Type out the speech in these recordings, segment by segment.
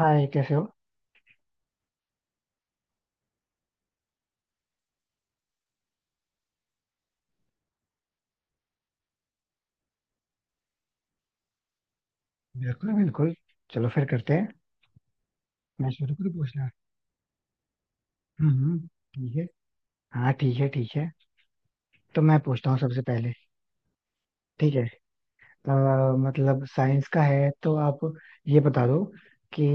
हाय, कैसे हो। बिल्कुल बिल्कुल। चलो फिर करते हैं। मैं शुरू करूँ पूछना। हम्म हम्म, ठीक है। हाँ ठीक है, ठीक है। तो मैं पूछता हूँ सबसे पहले। ठीक है। अ, मतलब साइंस का है तो आप ये बता दो कि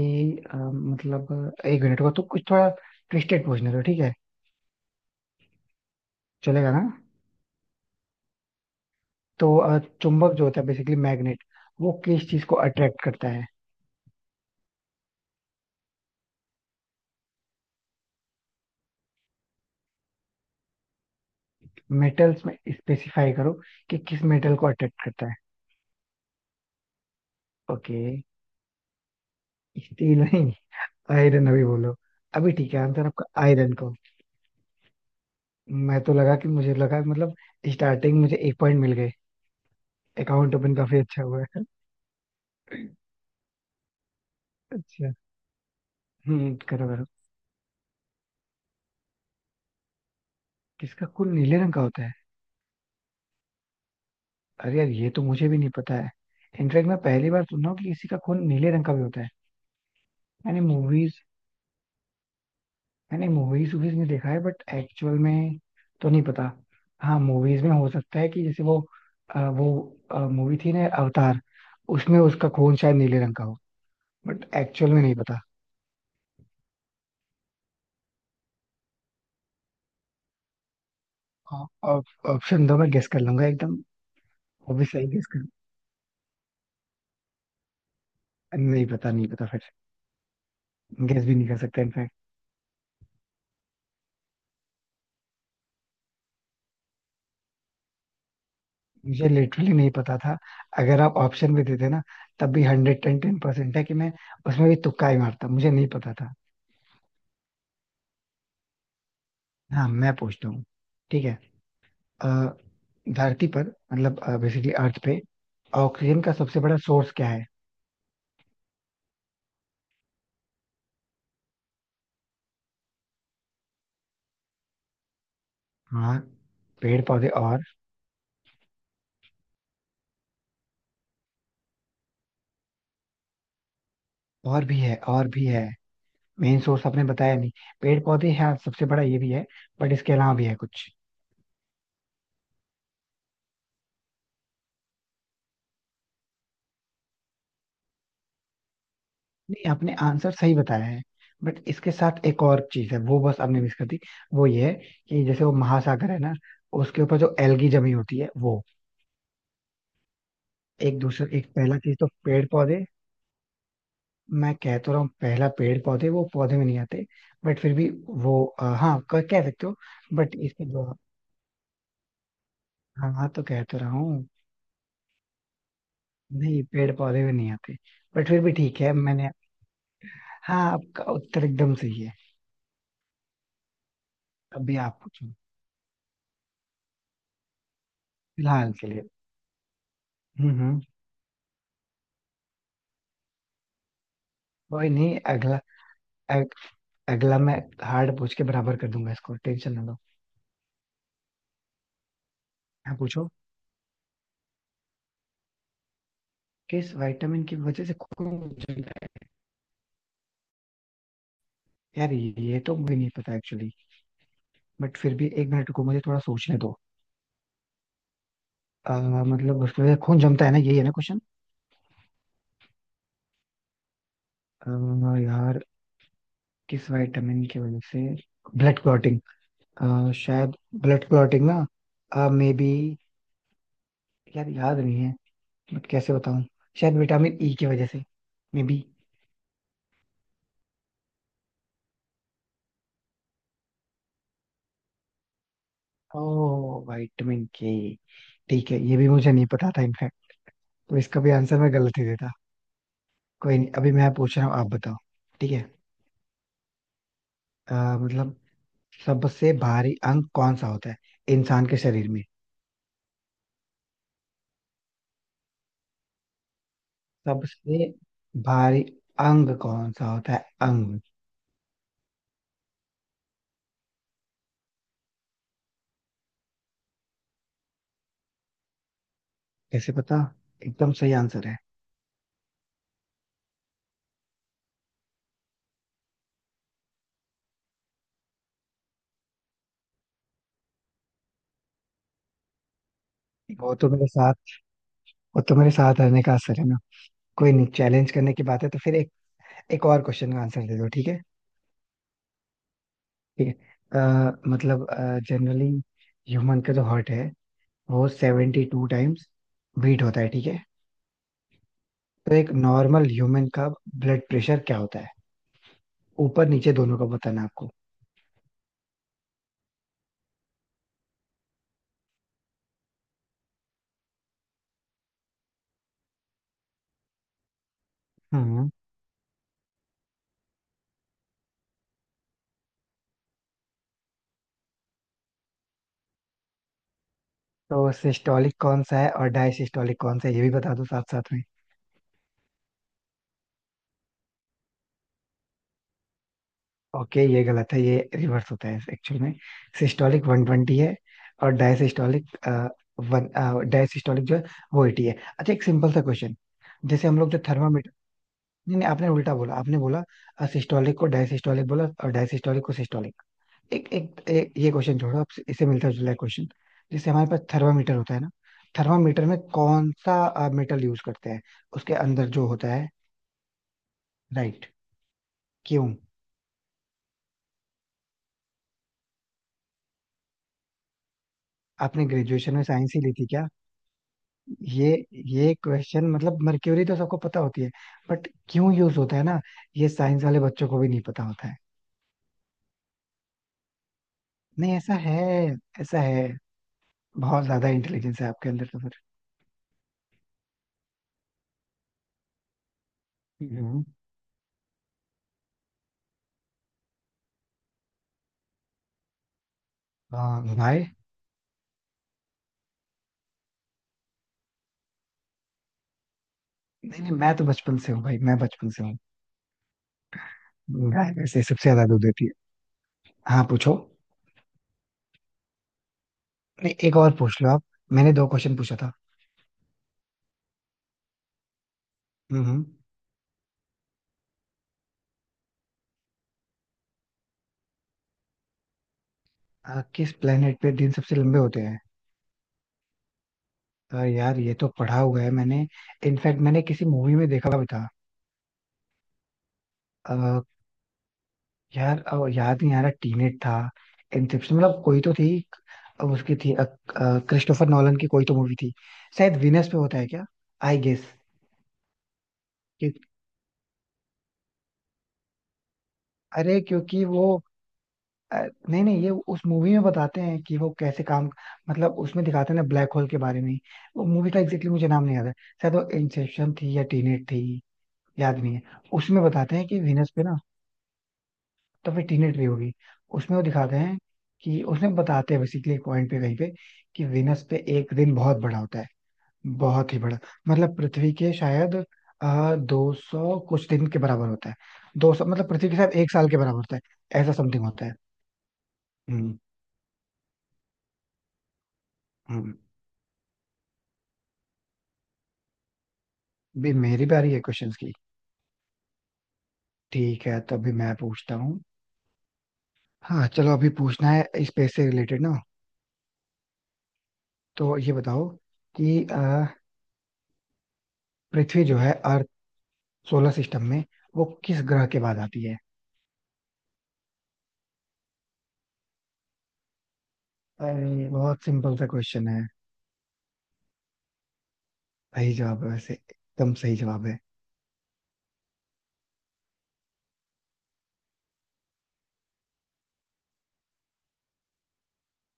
मतलब एक मिनट को तो कुछ थोड़ा ट्विस्टेड पूछने दो, ठीक है। चलेगा ना। तो चुंबक जो होता है, बेसिकली मैग्नेट, वो किस चीज को अट्रैक्ट करता है। मेटल्स में स्पेसिफाई करो कि किस मेटल को अट्रैक्ट करता है। ओके। स्टील नहीं, आयरन, अभी बोलो। अभी ठीक है, आंसर आपका आयरन को। मैं तो लगा कि, मुझे लगा मतलब स्टार्टिंग मुझे एक पॉइंट मिल गए, अकाउंट ओपन काफी अच्छा हुआ है। अच्छा। हम्म, करो करो। किसका खून नीले रंग का होता है। अरे यार, ये तो मुझे भी नहीं पता है। इनफैक्ट मैं पहली बार सुन रहा हूँ कि किसी का खून नीले रंग का भी होता है। मैंने मूवीज मैंने मूवीज वूवीज में देखा है, बट एक्चुअल में तो नहीं पता। हाँ, मूवीज में हो सकता है कि जैसे वो वो मूवी थी ना अवतार, उसमें उसका खून शायद नीले रंग का हो। बट एक्चुअल में नहीं पता। हाँ। ऑप्शन दो, मैं गेस कर लूंगा एकदम। वो भी सही गेस कर। नहीं पता नहीं पता फिर, गेस भी नहीं कर सकता इनफैक्ट। मुझे लिटरली नहीं पता था। अगर आप ऑप्शन भी देते ना, तब भी हंड्रेड टेन टेन परसेंट है कि मैं उसमें भी तुक्का ही मारता, मुझे नहीं पता था। हाँ मैं पूछता हूँ, ठीक है। अ, धरती पर, मतलब बेसिकली अर्थ पे, ऑक्सीजन का सबसे बड़ा सोर्स क्या है। हाँ, पेड़ पौधे और? और भी है और भी है, मेन सोर्स आपने बताया नहीं। पेड़ पौधे हाँ सबसे बड़ा ये भी है, बट इसके अलावा भी है कुछ। नहीं, आपने आंसर सही बताया है, बट इसके साथ एक और चीज है वो बस आपने मिस कर दी। वो ये है कि जैसे वो महासागर है ना, उसके ऊपर जो एल्गी जमी होती है वो। एक पहला चीज तो पेड़ पौधे। मैं कह तो रहा हूँ, पहला पेड़ पौधे, वो पौधे में नहीं आते, बट फिर भी वो हाँ कह कह सकते हो। बट इसके जो, हाँ हाँ तो कह तो रहा हूँ। नहीं पेड़ पौधे में नहीं आते, बट फिर भी ठीक है मैंने। हाँ आपका उत्तर एकदम सही है। अभी आप पूछो। फिलहाल के लिए। हम्म। कोई नहीं, अगला, अगला मैं हार्ड पूछ के बराबर कर दूंगा इसको, टेंशन ना लो। हाँ पूछो। किस विटामिन की वजह से खून जलता है, यार ये तो मुझे नहीं पता एक्चुअली। बट फिर भी एक मिनट को मुझे थोड़ा सोचने दो। अ, मतलब उसकी वजह से खून जमता है ना, यही है ना क्वेश्चन। यार, किस विटामिन की वजह से ब्लड क्लॉटिंग, शायद ब्लड क्लॉटिंग ना मे बी, यार याद नहीं है, बट कैसे बताऊं। शायद विटामिन ई की वजह से, may be. Oh, vitamin K, ठीक है ये भी मुझे नहीं पता था इनफैक्ट। तो इसका भी आंसर मैं गलत ही देता। कोई नहीं, अभी मैं पूछ रहा हूँ, आप बताओ। ठीक है, मतलब सबसे भारी अंग कौन सा होता है इंसान के शरीर में। सबसे भारी अंग कौन सा होता है। अंग। कैसे पता, एकदम सही आंसर है। वो तो मेरे साथ वो तो मेरे साथ रहने का असर है ना। कोई नहीं, चैलेंज करने की बात है तो फिर एक एक और क्वेश्चन का आंसर दे दो, ठीक है। ठीक है। मतलब जनरली ह्यूमन का जो हार्ट है वो 72 टाइम्स बीट होता है, ठीक है। तो एक नॉर्मल ह्यूमन का ब्लड प्रेशर क्या होता है। ऊपर नीचे दोनों का बताना है आपको। हम्म। तो सिस्टोलिक कौन सा है और डायसिस्टोलिक कौन सा है, ये भी बता दो साथ साथ में। ओके, ये गलत है, ये रिवर्स होता है एक्चुअल में। सिस्टोलिक 120 है और डायसिस्टोलिक वन डायसिस्टोलिक जो है वो 80 है। अच्छा, एक सिंपल सा क्वेश्चन, जैसे हम लोग जो थर्मामीटर। नहीं नहीं, आपने उल्टा बोला, आपने बोला सिस्टोलिक को डायसिस्टोलिक बोला और डायसिस्टोलिक को सिस्टोलिक। एक एक, एक ये क्वेश्चन छोड़ो, आपसे इससे मिलता जुला क्वेश्चन, जैसे हमारे पास थर्मामीटर होता है ना, थर्मामीटर में कौन सा मेटल यूज करते हैं, उसके अंदर जो होता है। राइट। क्यों? आपने ग्रेजुएशन में साइंस ही ली थी क्या? ये ये क्वेश्चन, मतलब मर्क्यूरी तो सबको पता होती है, बट क्यों यूज होता है ना, ये साइंस वाले बच्चों को भी नहीं पता होता है। नहीं, ऐसा है, ऐसा है, बहुत ज्यादा इंटेलिजेंस है आपके अंदर तो फिर। हम्म। हाँ भाई। नहीं नहीं, मैं बचपन से हूँ। गाय वैसे सबसे ज्यादा दूध देती है। हाँ पूछो। नहीं एक और पूछ लो आप। मैंने दो क्वेश्चन पूछा था। हम्म हम्म। किस प्लेनेट पे दिन सबसे लंबे होते हैं। यार ये तो पढ़ा हुआ है मैंने, इनफैक्ट मैंने किसी मूवी में देखा भी था। आ, यार याद नहीं आ रहा, टीनेट था, इंसेप्शन, मतलब कोई तो थी। उसकी थी, आ, आ, क्रिस्टोफर नॉलन की कोई तो मूवी थी। शायद वीनस पे होता है क्या, आई गेस। अरे क्योंकि वो नहीं नहीं, ये उस मूवी में बताते हैं कि वो कैसे काम, मतलब उसमें दिखाते हैं ना ब्लैक होल के बारे में। वो मूवी का एग्जैक्टली मुझे नाम नहीं याद है, शायद वो इंसेप्शन थी या टीनेट थी, याद नहीं है। उसमें बताते हैं कि वीनस पे ना, तो फिर टीनेट भी होगी, उसमें वो दिखाते हैं, कि उसमें बताते हैं बेसिकली एक पॉइंट पे कहीं पे, कि वीनस पे एक दिन बहुत बड़ा होता है, बहुत ही बड़ा। मतलब पृथ्वी के शायद 200 कुछ दिन के बराबर होता है। 200, मतलब पृथ्वी के शायद एक साल के बराबर होता है, ऐसा समथिंग होता है। हम्म हम्म। अभी मेरी बारी है क्वेश्चंस की। ठीक है, तो अभी मैं पूछता हूँ। हाँ चलो, अभी पूछना है स्पेस से रिलेटेड ना। तो ये बताओ कि पृथ्वी जो है, अर्थ, सोलर सिस्टम में वो किस ग्रह के बाद आती है। अरे बहुत सिंपल सा क्वेश्चन है। सही जवाब है, वैसे एकदम सही जवाब है।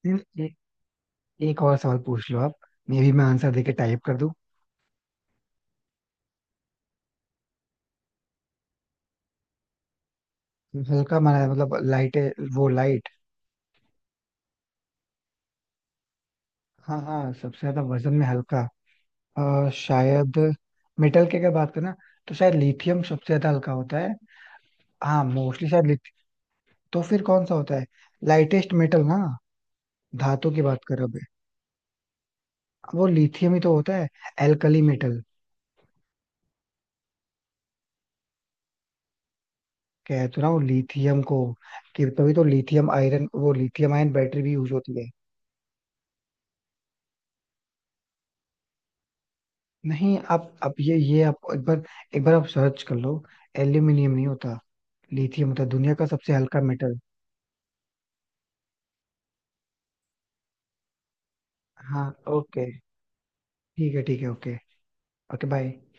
फिर एक और सवाल पूछ लो आप, मे भी मैं आंसर देके टाइप कर दूं। हल्का माना है, मतलब लाइट है वो, लाइट। हाँ हाँ सबसे ज्यादा वजन में हल्का। शायद मेटल की अगर बात करें ना, तो शायद लिथियम सबसे ज्यादा हल्का होता है। हाँ मोस्टली शायद लिथियम। तो फिर कौन सा होता है, लाइटेस्ट मेटल ना, धातु की बात कर रहे हो बे। वो लिथियम ही तो होता है, एल्कली मेटल। कह तो रहा हूँ लिथियम को, कि तभी तो लिथियम आयरन, वो लिथियम आयन बैटरी भी यूज होती है। नहीं आप ये आप एक बार, एक बार आप सर्च कर लो। एल्यूमिनियम नहीं होता, लिथियम होता है दुनिया का सबसे हल्का मेटल। हाँ। ओके। ठीक है ठीक है, ओके। Okay bye.